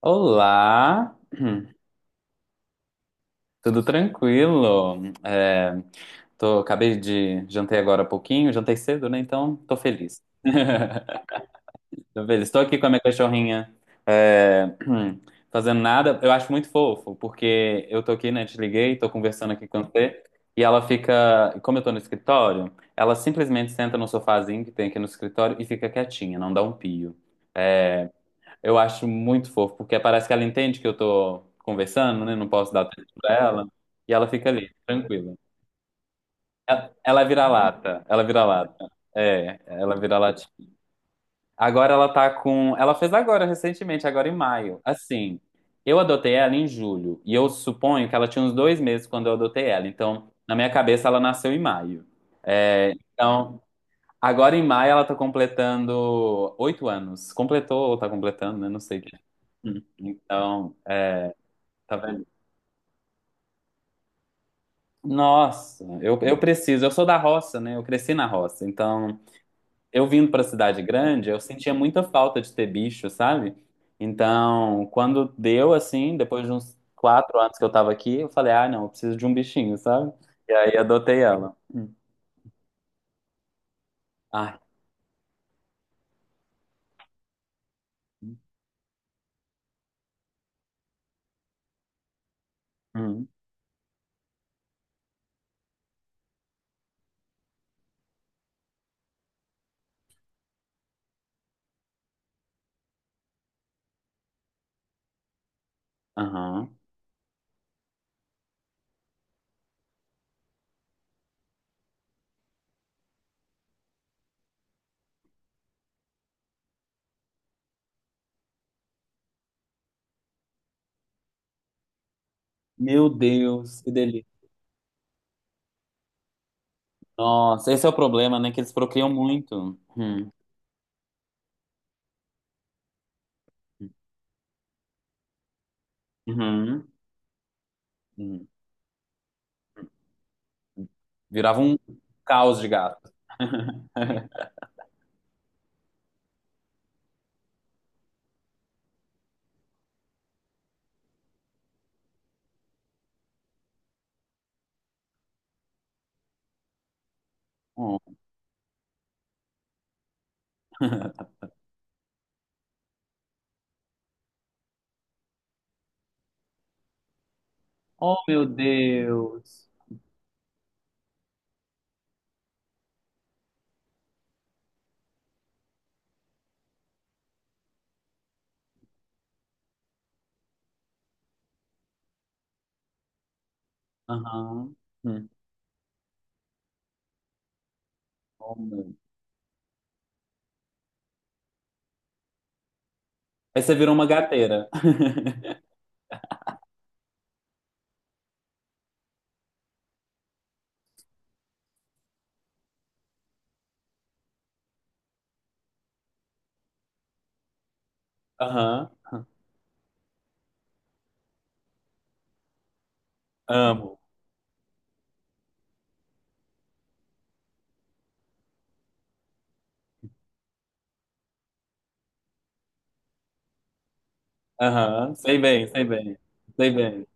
Olá, tudo tranquilo? Acabei de jantei agora há pouquinho, jantei cedo, né? Então tô feliz. Tô feliz. Estou aqui com a minha cachorrinha, é, fazendo nada. Eu acho muito fofo, porque eu tô aqui, né? Te liguei, tô conversando aqui com você, e ela fica, como eu tô no escritório, ela simplesmente senta no sofazinho que tem aqui no escritório e fica quietinha, não dá um pio. É, Eu acho muito fofo, porque parece que ela entende que eu tô conversando, né? Não posso dar tempo pra ela. E ela fica ali, tranquila. Ela vira lata, ela vira lata. É, ela vira latinha. Agora ela tá com. Ela fez agora, recentemente, agora em maio. Assim, eu adotei ela em julho. E eu suponho que ela tinha uns 2 meses quando eu adotei ela. Então, na minha cabeça, ela nasceu em maio. É, então, agora em maio ela tá completando 8 anos. Completou ou tá completando, né? Não sei o que. Hum. Então. Tá vendo? Nossa, eu preciso. Eu sou da roça, né? Eu cresci na roça. Então, eu vindo pra cidade grande, eu sentia muita falta de ter bicho, sabe? Então, quando deu assim, depois de uns 4 anos que eu tava aqui, eu falei, ah, não, eu preciso de um bichinho, sabe? E aí adotei ela. Hum. Ai. Hum. Aham. Meu Deus, que delícia. Nossa, esse é o problema, né? Que eles procriam muito. Hum. Uhum. Hum. Virava um caos de gato. Oh, meu Deus. Aham. Hum. Oh, meu. Aí você virou uma gateira. Aham. Amo. Aham. Sei bem, sei bem. Sei bem.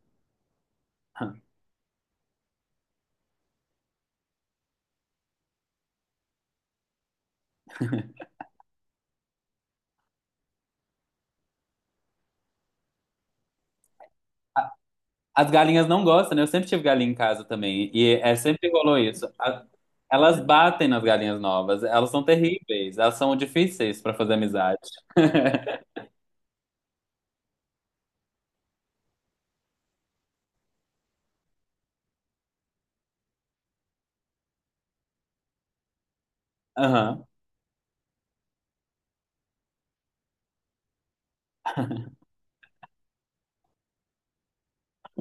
A- As galinhas não gostam, né? Eu sempre tive galinha em casa também. E é sempre rolou isso. Elas batem nas galinhas novas. Elas são terríveis. Elas são difíceis para fazer amizade. Aham.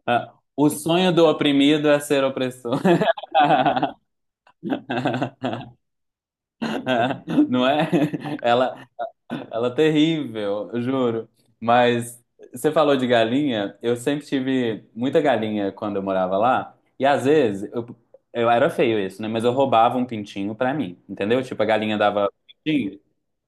Ah, o sonho do oprimido é ser opressor. Não é? Ela, Ela é terrível, eu juro. Mas você falou de galinha, eu sempre tive muita galinha quando eu morava lá. E às vezes, eu era feio isso, né? Mas eu roubava um pintinho pra mim, entendeu? Tipo, a galinha dava um pintinho.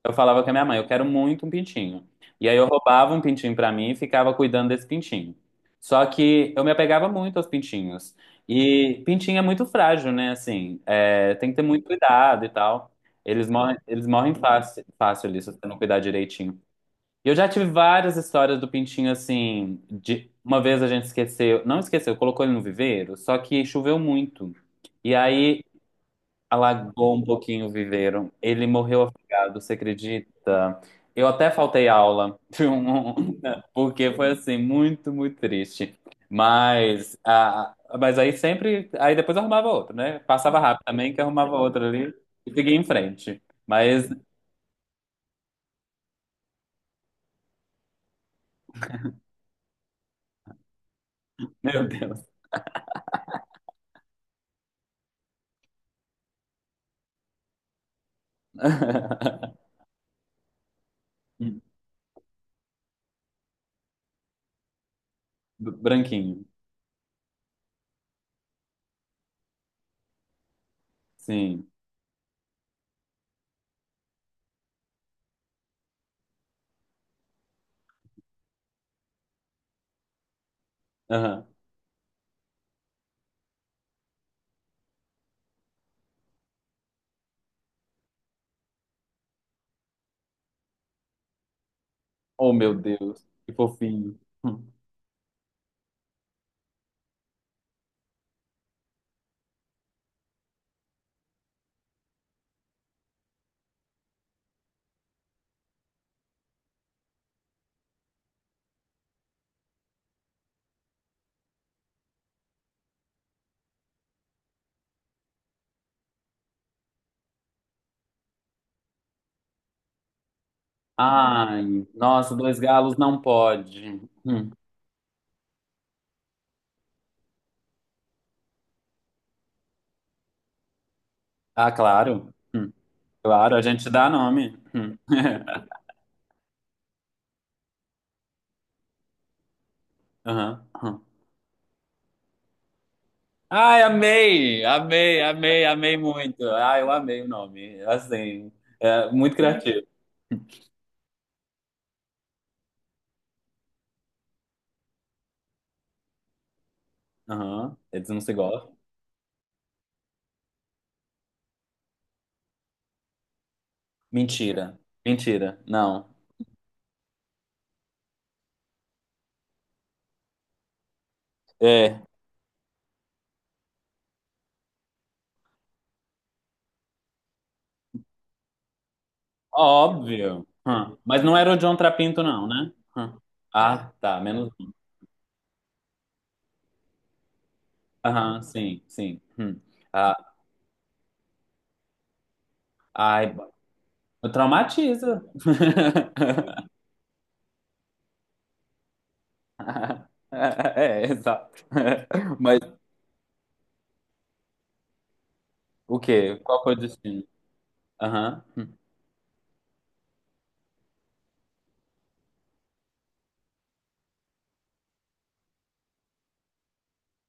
Eu falava com a minha mãe, eu quero muito um pintinho. E aí eu roubava um pintinho pra mim e ficava cuidando desse pintinho. Só que eu me apegava muito aos pintinhos. E pintinho é muito frágil, né? Assim, é, tem que ter muito cuidado e tal. Eles morrem fácil, fácil ali, se você não cuidar direitinho. E eu já tive várias histórias do pintinho, assim, de uma vez a gente esqueceu, não esqueceu, colocou ele no viveiro, só que choveu muito. E aí alagou um pouquinho o viveiro. Ele morreu afogado, você acredita? Eu até faltei aula, porque foi assim, muito, muito triste. Mas, ah, mas aí sempre, aí depois eu arrumava outro, né? Passava rápido também, que eu arrumava outro ali e seguia em frente. Mas, meu Deus. Branquinho, sim. Aham. Oh, meu Deus, que fofinho. Ai, nossa, dois galos não pode. Ah, claro. Claro, a gente dá nome. Hum. Aham, aham. Ai, amei, amei, amei, amei muito. Ai, eu amei o nome. Assim, é muito criativo. Aham. Eles não se gostam. Mentira, mentira. Não. É, óbvio. Hum. Mas não era o John Trapinto, não, né? Hum. Ah, tá, menos. Aham, sim, sim. Hum. Ah, ai, traumatiza. É, exato. Mas o quê? Qual foi o destino? Aham.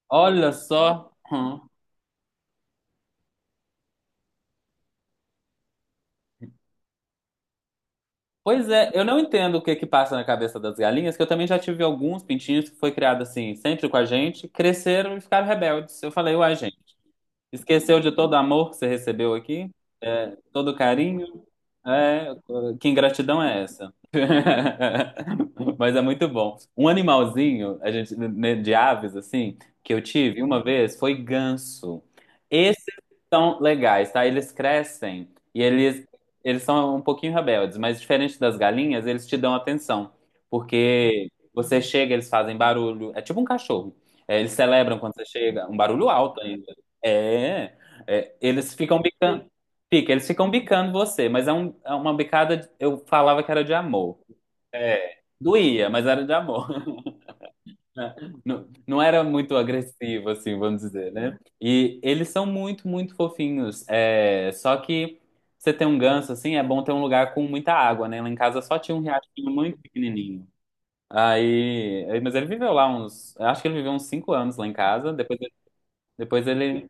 Olha só. Hum. Pois é, eu não entendo o que que passa na cabeça das galinhas, que eu também já tive alguns pintinhos que foi criado assim, sempre com a gente, cresceram e ficaram rebeldes. Eu falei, uai, gente, esqueceu de todo o amor que você recebeu aqui? Todo carinho. É, que ingratidão é essa? Mas é muito bom. Um animalzinho, a gente, né, de aves, assim, que eu tive uma vez foi ganso. Esses são legais, tá? Eles crescem e eles são um pouquinho rebeldes, mas diferente das galinhas, eles te dão atenção. Porque você chega, eles fazem barulho. É tipo um cachorro. É, eles celebram quando você chega, um barulho alto ainda. É, eles ficam bicando. Fica, eles ficam bicando você, mas é uma bicada, eu falava que era de amor. É, doía, mas era de amor. Não, não era muito agressivo, assim, vamos dizer, né? E eles são muito, muito fofinhos. É, só que você tem um ganso, assim, é bom ter um lugar com muita água, né? Lá em casa só tinha um riachinho muito pequenininho. Mas ele viveu lá uns, acho que ele viveu uns 5 anos lá em casa, depois, depois ele...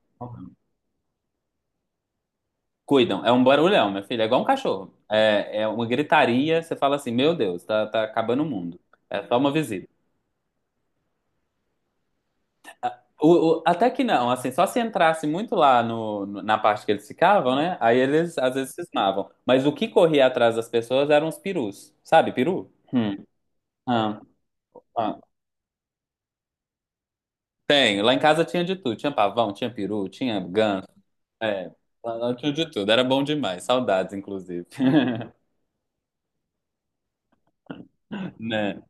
Cuidam, é um barulhão, minha filha, é igual um cachorro. É, é uma gritaria, você fala assim, meu Deus, tá acabando o mundo. É só uma visita. Até que não, assim, só se entrasse muito lá na parte que eles ficavam, né? Aí eles às vezes cismavam. Mas o que corria atrás das pessoas eram os perus, sabe, peru? Hum. Ah, ah. Tenho, lá em casa tinha de tudo, tinha pavão, tinha peru, tinha ganso, é, lá tinha de tudo, era bom demais, saudades, inclusive. Né?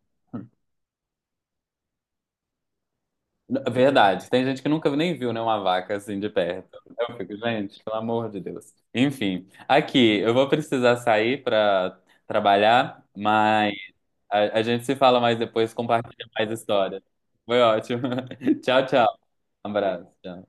Verdade, tem gente que nunca nem viu, né, uma vaca assim de perto. Eu fico, gente, pelo amor de Deus. Enfim, aqui, eu vou precisar sair para trabalhar, mas a gente se fala mais depois, compartilha mais história. Foi ótimo. Tchau, tchau. Um abraço. Tchau.